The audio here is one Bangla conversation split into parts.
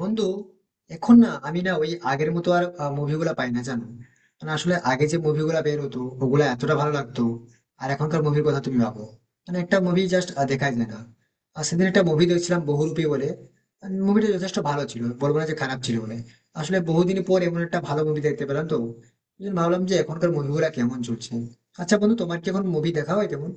বন্ধু, এখন না আমি না ওই আগের মতো আর মুভিগুলা পাই না, জানো। মানে আসলে আগে যে মুভিগুলা বের হতো ওগুলা এতটা ভালো লাগতো। আর এখনকার মুভির কথা তুমি ভাবো, মানে একটা মুভি জাস্ট দেখাই যায় না। আর সেদিন একটা মুভি দেখছিলাম, বহুরূপী বলে। মুভিটা যথেষ্ট ভালো ছিল, বলবো না যে খারাপ ছিল বলে। আসলে বহুদিন পর এমন একটা ভালো মুভি দেখতে পেলাম, তো এই জন্য ভাবলাম যে এখনকার মুভিগুলা কেমন চলছে। আচ্ছা বন্ধু, তোমার কি এখন মুভি দেখা হয় তেমন?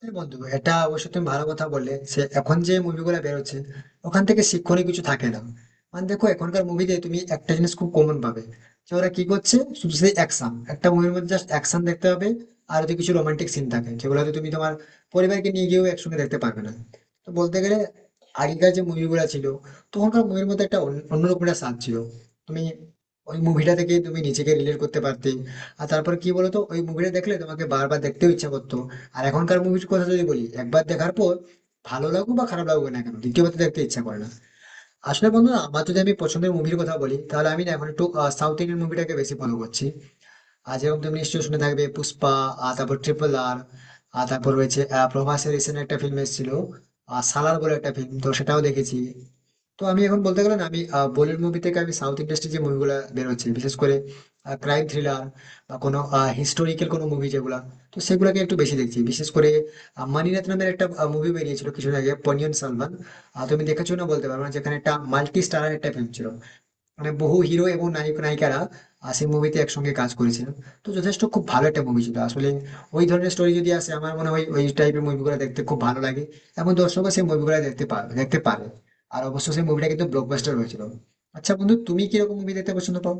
হ্যাঁ বন্ধু, এটা অবশ্য তুমি ভালো কথা বললে, সে এখন যে মুভিগুলো বেরোচ্ছে ওখান থেকে শিক্ষণীয় কিছু থাকে না। মানে দেখো, এখনকার মুভিতে তুমি একটা জিনিস খুব কমন পাবে, যে ওরা কি করছে শুধু সেই অ্যাকশন, একটা মুভির মধ্যে জাস্ট অ্যাকশন দেখতে হবে। আর যদি কিছু রোমান্টিক সিন থাকে, যেগুলো হয়তো তুমি তোমার পরিবারকে নিয়ে গিয়েও একসঙ্গে দেখতে পারবে না। তো বলতে গেলে আগেকার যে মুভিগুলো ছিল, তখনকার মুভির মধ্যে একটা অন্যরকম একটা স্বাদ ছিল। তুমি ওই মুভিটা থেকে তুমি নিজেকে রিলেট করতে পারতে। আর তারপর কি বলতো, ওই মুভিটা দেখলে তোমাকে বারবার দেখতেও ইচ্ছা করতো। আর এখনকার মুভির কথা যদি বলি, একবার দেখার পর ভালো লাগুক বা খারাপ লাগুক না কেন, দ্বিতীয়বার তো দেখতে ইচ্ছা করে না। আসলে বন্ধু না, আমার যদি আমি পছন্দের মুভির কথা বলি, তাহলে আমি না এখন একটু সাউথ ইন্ডিয়ান মুভিটাকে বেশি ফলো করছি। আর যেরকম তুমি নিশ্চয়ই শুনে থাকবে, পুষ্পা, আর তারপর ট্রিপল আর, আর তারপর রয়েছে প্রভাসের রিসেন্ট একটা ফিল্ম এসেছিল। আর সালার বলে একটা ফিল্ম, তো সেটাও দেখেছি। তো আমি এখন বলতে গেলে না, আমি বলিউড মুভি থেকে আমি সাউথ ইন্ডাস্ট্রি যে মুভিগুলো বেরোচ্ছে বিশেষ করে ক্রাইম থ্রিলার বা কোনো হিস্টোরিক্যাল কোনো মুভি যেগুলা, তো সেগুলোকে একটু বেশি দেখছি। বিশেষ করে মানিরত্ নামের একটা মুভি বেরিয়েছিল কিছুদিন আগে, পোন্নিয়িন সেলভান, তুমি দেখেছো না বলতে পারবো না, যেখানে একটা মাল্টি স্টারার একটা ফিল্ম ছিল। মানে বহু হিরো এবং নায়ক নায়িকারা সেই মুভিতে একসঙ্গে কাজ করেছিলেন। তো যথেষ্ট খুব ভালো একটা মুভি ছিল আসলে। ওই ধরনের স্টোরি যদি আসে, আমার মনে হয় ওই টাইপের মুভিগুলো দেখতে খুব ভালো লাগে, এবং দর্শকও সেই মুভিগুলো দেখতে পারে। আর অবশ্য সেই মুভিটা কিন্তু ব্লকবাস্টার হয়েছিল। আচ্ছা বন্ধু, তুমি কিরকম মুভি দেখতে পছন্দ পাও?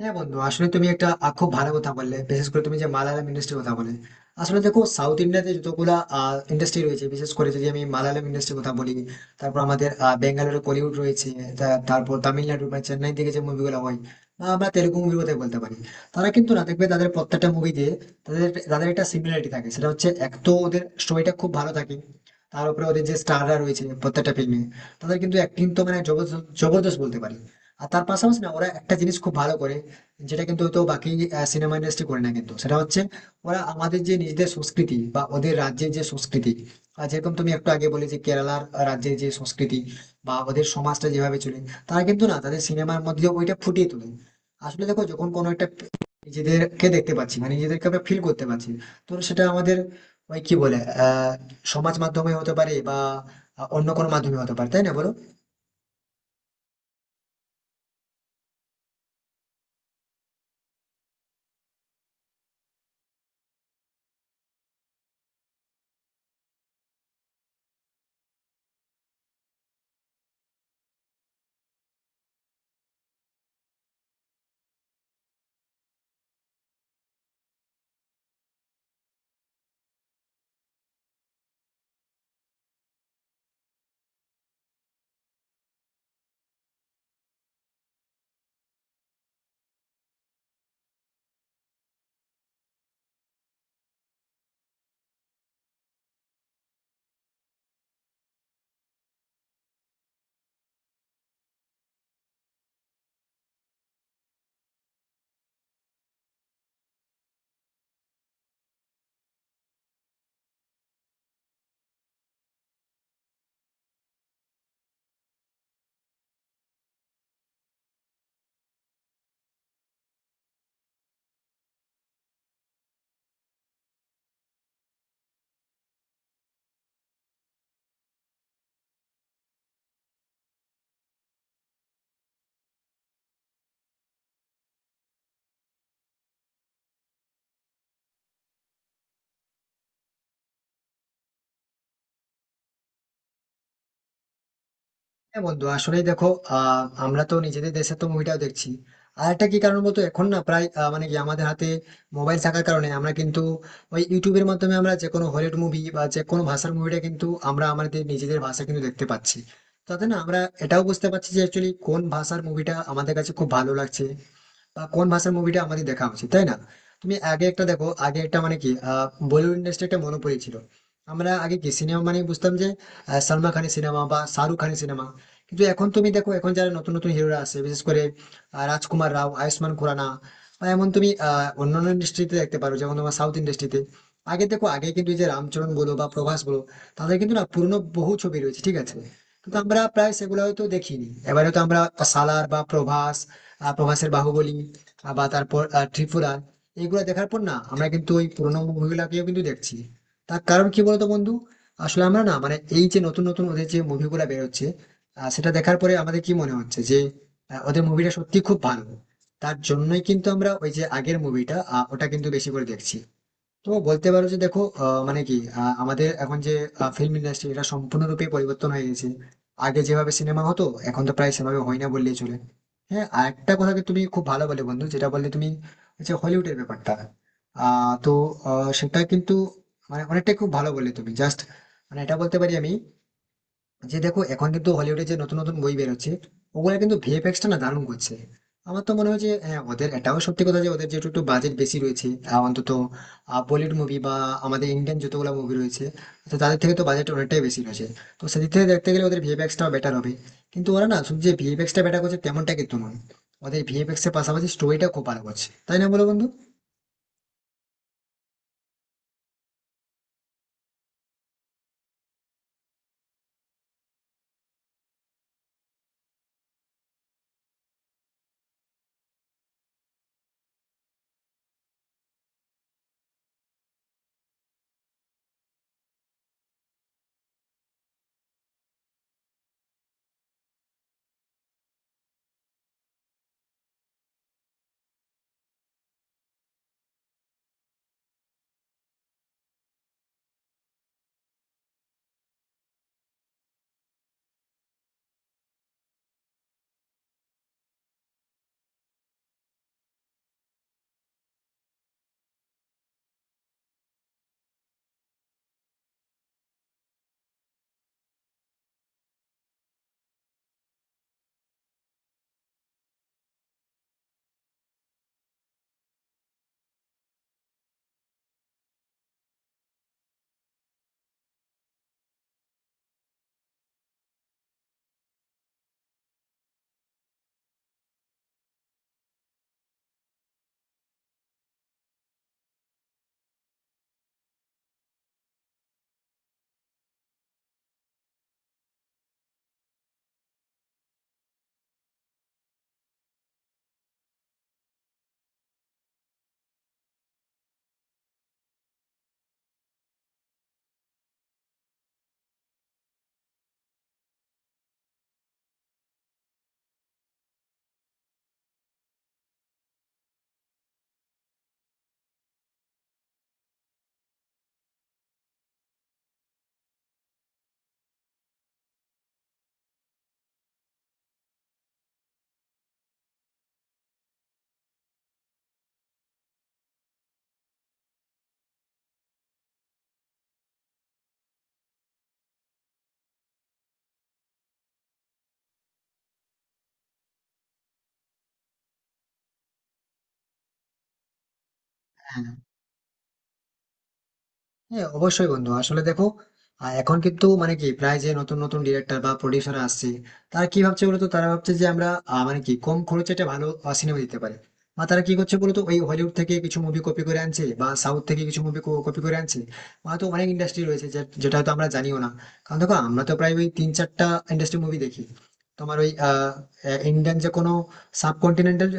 হ্যাঁ বন্ধু, আসলে তুমি একটা খুব ভালো কথা বললে, বিশেষ করে তুমি যে মালায়ালাম ইন্ডাস্ট্রির কথা বলে। আসলে দেখো, সাউথ ইন্ডিয়াতে যতগুলা ইন্ডাস্ট্রি রয়েছে, বিশেষ করে যদি আমি মালায়ালাম ইন্ডাস্ট্রির কথা বলি, তারপর আমাদের বেঙ্গালুরু কলিউড রয়েছে, তারপর তামিলনাড়ু বা চেন্নাই থেকে যে মুভিগুলো হয়, বা আমরা তেলুগু মুভির কথাই বলতে পারি। তারা কিন্তু না, দেখবে তাদের প্রত্যেকটা মুভিতে তাদের তাদের একটা সিমিলারিটি থাকে, সেটা হচ্ছে এক তো ওদের স্টোরিটা খুব ভালো থাকে। তার উপরে ওদের যে স্টাররা রয়েছে প্রত্যেকটা ফিল্মে, তাদের কিন্তু অ্যাক্টিং তো মানে জবরদস্ত, জবরদস্ত বলতে পারি। আর তার পাশাপাশি না, ওরা একটা জিনিস খুব ভালো করে, যেটা কিন্তু হয়তো বাকি সিনেমা ইন্ডাস্ট্রি করে না, কিন্তু সেটা হচ্ছে ওরা আমাদের যে নিজেদের সংস্কৃতি বা ওদের রাজ্যের যে সংস্কৃতি। আর যেরকম তুমি একটু আগে বলে যে কেরালার রাজ্যের যে সংস্কৃতি বা ওদের সমাজটা যেভাবে চলে, তারা কিন্তু না, তাদের সিনেমার মধ্যে ওইটা ফুটিয়ে তোলে। আসলে দেখো, যখন কোনো একটা নিজেদেরকে দেখতে পাচ্ছি, মানে নিজেদেরকে আমরা ফিল করতে পারছি, তো সেটা আমাদের ওই কি বলে, আহ সমাজ মাধ্যমে হতে পারে বা অন্য কোনো মাধ্যমে হতে পারে, তাই না বলো? হ্যাঁ বন্ধু, আসলেই দেখো, আমরা তো নিজেদের দেশে তো মুভিটাও দেখছি। আর একটা কি কারণ বলতো, এখন না প্রায় মানে কি আমাদের হাতে মোবাইল থাকার কারণে আমরা কিন্তু ওই ইউটিউবের মাধ্যমে আমরা যে কোনো হলিউড মুভি বা যে কোনো ভাষার মুভিটা কিন্তু আমরা আমাদের নিজেদের ভাষা কিন্তু দেখতে পাচ্ছি। তাতে না আমরা এটাও বুঝতে পারছি যে অ্যাকচুয়ালি কোন ভাষার মুভিটা আমাদের কাছে খুব ভালো লাগছে, বা কোন ভাষার মুভিটা আমাদের দেখা উচিত, তাই না? তুমি আগে একটা দেখো, আগে একটা মানে কি বলিউড ইন্ডাস্ট্রি একটা মনোপলি ছিল। আমরা আগে কি সিনেমা মানে বুঝতাম, যে সালমান খানের সিনেমা বা শাহরুখ খানের সিনেমা। কিন্তু এখন তুমি দেখো, এখন যারা নতুন নতুন হিরোরা আছে, বিশেষ করে রাজকুমার রাও, আয়ুষ্মান খুরানা, বা এমন তুমি অন্যান্য ইন্ডাস্ট্রিতে দেখতে পারো, যেমন তোমার সাউথ ইন্ডাস্ট্রিতে। আগে দেখো, আগে কিন্তু এই যে রামচরণ বলো বা প্রভাস বলো, তাদের কিন্তু না, পুরনো বহু ছবি রয়েছে, ঠিক আছে। কিন্তু আমরা প্রায় সেগুলো হয়তো দেখিনি, এবারে তো আমরা সালার বা প্রভাস, প্রভাসের বাহুবলী, বা তারপর ত্রিপুরা, এগুলো দেখার পর না আমরা কিন্তু ওই পুরোনো মুভিগুলাকেও কিন্তু দেখছি। তার কারণ কি বলতো বন্ধু? আসলে আমরা না, মানে এই যে নতুন নতুন ওদের যে মুভিগুলা বেরোচ্ছে, সেটা দেখার পরে আমাদের কি মনে হচ্ছে যে ওদের মুভিটা সত্যি খুব ভালো। তার জন্যই কিন্তু আমরা ওই যে আগের মুভিটা, ওটা কিন্তু বেশি করে দেখছি। তো বলতে পারো যে দেখো, মানে কি আমাদের এখন যে ফিল্ম ইন্ডাস্ট্রি, এটা সম্পূর্ণরূপে পরিবর্তন হয়ে গেছে। আগে যেভাবে সিনেমা হতো, এখন তো প্রায় সেভাবে হয় না বললেই চলে। হ্যাঁ, আর একটা কথা কি তুমি খুব ভালো বলে বন্ধু, যেটা বললে তুমি, হচ্ছে হলিউডের ব্যাপারটা। তো সেটা কিন্তু মানে অনেকটাই খুব ভালো বললে তুমি, জাস্ট মানে এটা বলতে পারি আমি, যে দেখো এখন কিন্তু হলিউডে যে নতুন নতুন বই বেরোচ্ছে, ওগুলা কিন্তু ভিএফএক্স টা না দারুণ করছে। আমার তো মনে হয় যে হ্যাঁ, ওদের এটাও সত্যি কথা যে ওদের যেহেতু একটু বাজেট বেশি রয়েছে, অন্তত বলিউড মুভি বা আমাদের ইন্ডিয়ান যতগুলো মুভি রয়েছে, তো তাদের থেকে তো বাজেট অনেকটাই বেশি রয়েছে। তো সেদিক থেকে দেখতে গেলে ওদের ভিএফএক্স টাও বেটার হবে। কিন্তু ওরা না শুধু যে ভিএফএক্স টা বেটার করছে তেমনটা কিন্তু নয়, ওদের ভিএফএক্স এর পাশাপাশি স্টোরিটা খুব ভালো করছে, তাই না বলো বন্ধু? হ্যাঁ, হ্যাঁ, অবশ্যই বন্ধু, আসলে দেখো, এখন কিন্তু মানে কি প্রায় যে নতুন নতুন ডিরেক্টর বা প্রডিউসার আসছে। তারা কি ভাবছে বলতো, তারা ভাবছে যে আমরা মানে কি কম খরচে একটা ভালো সিনেমা দিতে পারি। বা তারা কি করছে বলতো, ওই হলিউড থেকে কিছু মুভি কপি করে আনছে, বা সাউথ থেকে কিছু মুভি কপি করে আনছে। বা তো অনেক ইন্ডাস্ট্রি রয়েছে যেটা হয়তো আমরা জানিও না। কারণ দেখো, আমরা তো প্রায় ওই তিন চারটা ইন্ডাস্ট্রি মুভি দেখি, তোমার ওই ইন্ডিয়ান যে কোনো সাবকন্টিনেন্টাল,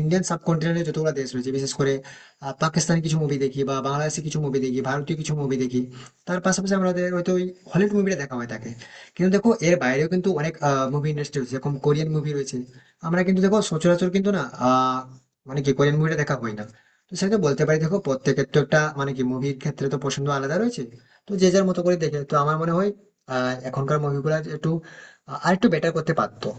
ইন্ডিয়ান সাবকন্টিনেন্টে যতগুলো দেশ রয়েছে, বিশেষ করে পাকিস্তানি কিছু মুভি দেখি বা বাংলাদেশি কিছু মুভি দেখি, ভারতীয় কিছু মুভি দেখি। তার পাশাপাশি আমাদের হয়তো ওই হলিউড মুভিটা দেখা হয়ে থাকে। কিন্তু দেখো, এর বাইরেও কিন্তু অনেক মুভি ইন্ডাস্ট্রি রয়েছে, যেরকম কোরিয়ান মুভি রয়েছে। আমরা কিন্তু দেখো সচরাচর কিন্তু না, মানে কি কোরিয়ান মুভিটা দেখা হয় না। তো সেটা তো বলতে পারি, দেখো প্রত্যেকের তো একটা মানে কি মুভির ক্ষেত্রে তো পছন্দ আলাদা রয়েছে, তো যে যার মতো করে দেখে। তো আমার মনে হয় এখনকার মুভিগুলো একটু আর একটু বেটার করতে পারতো।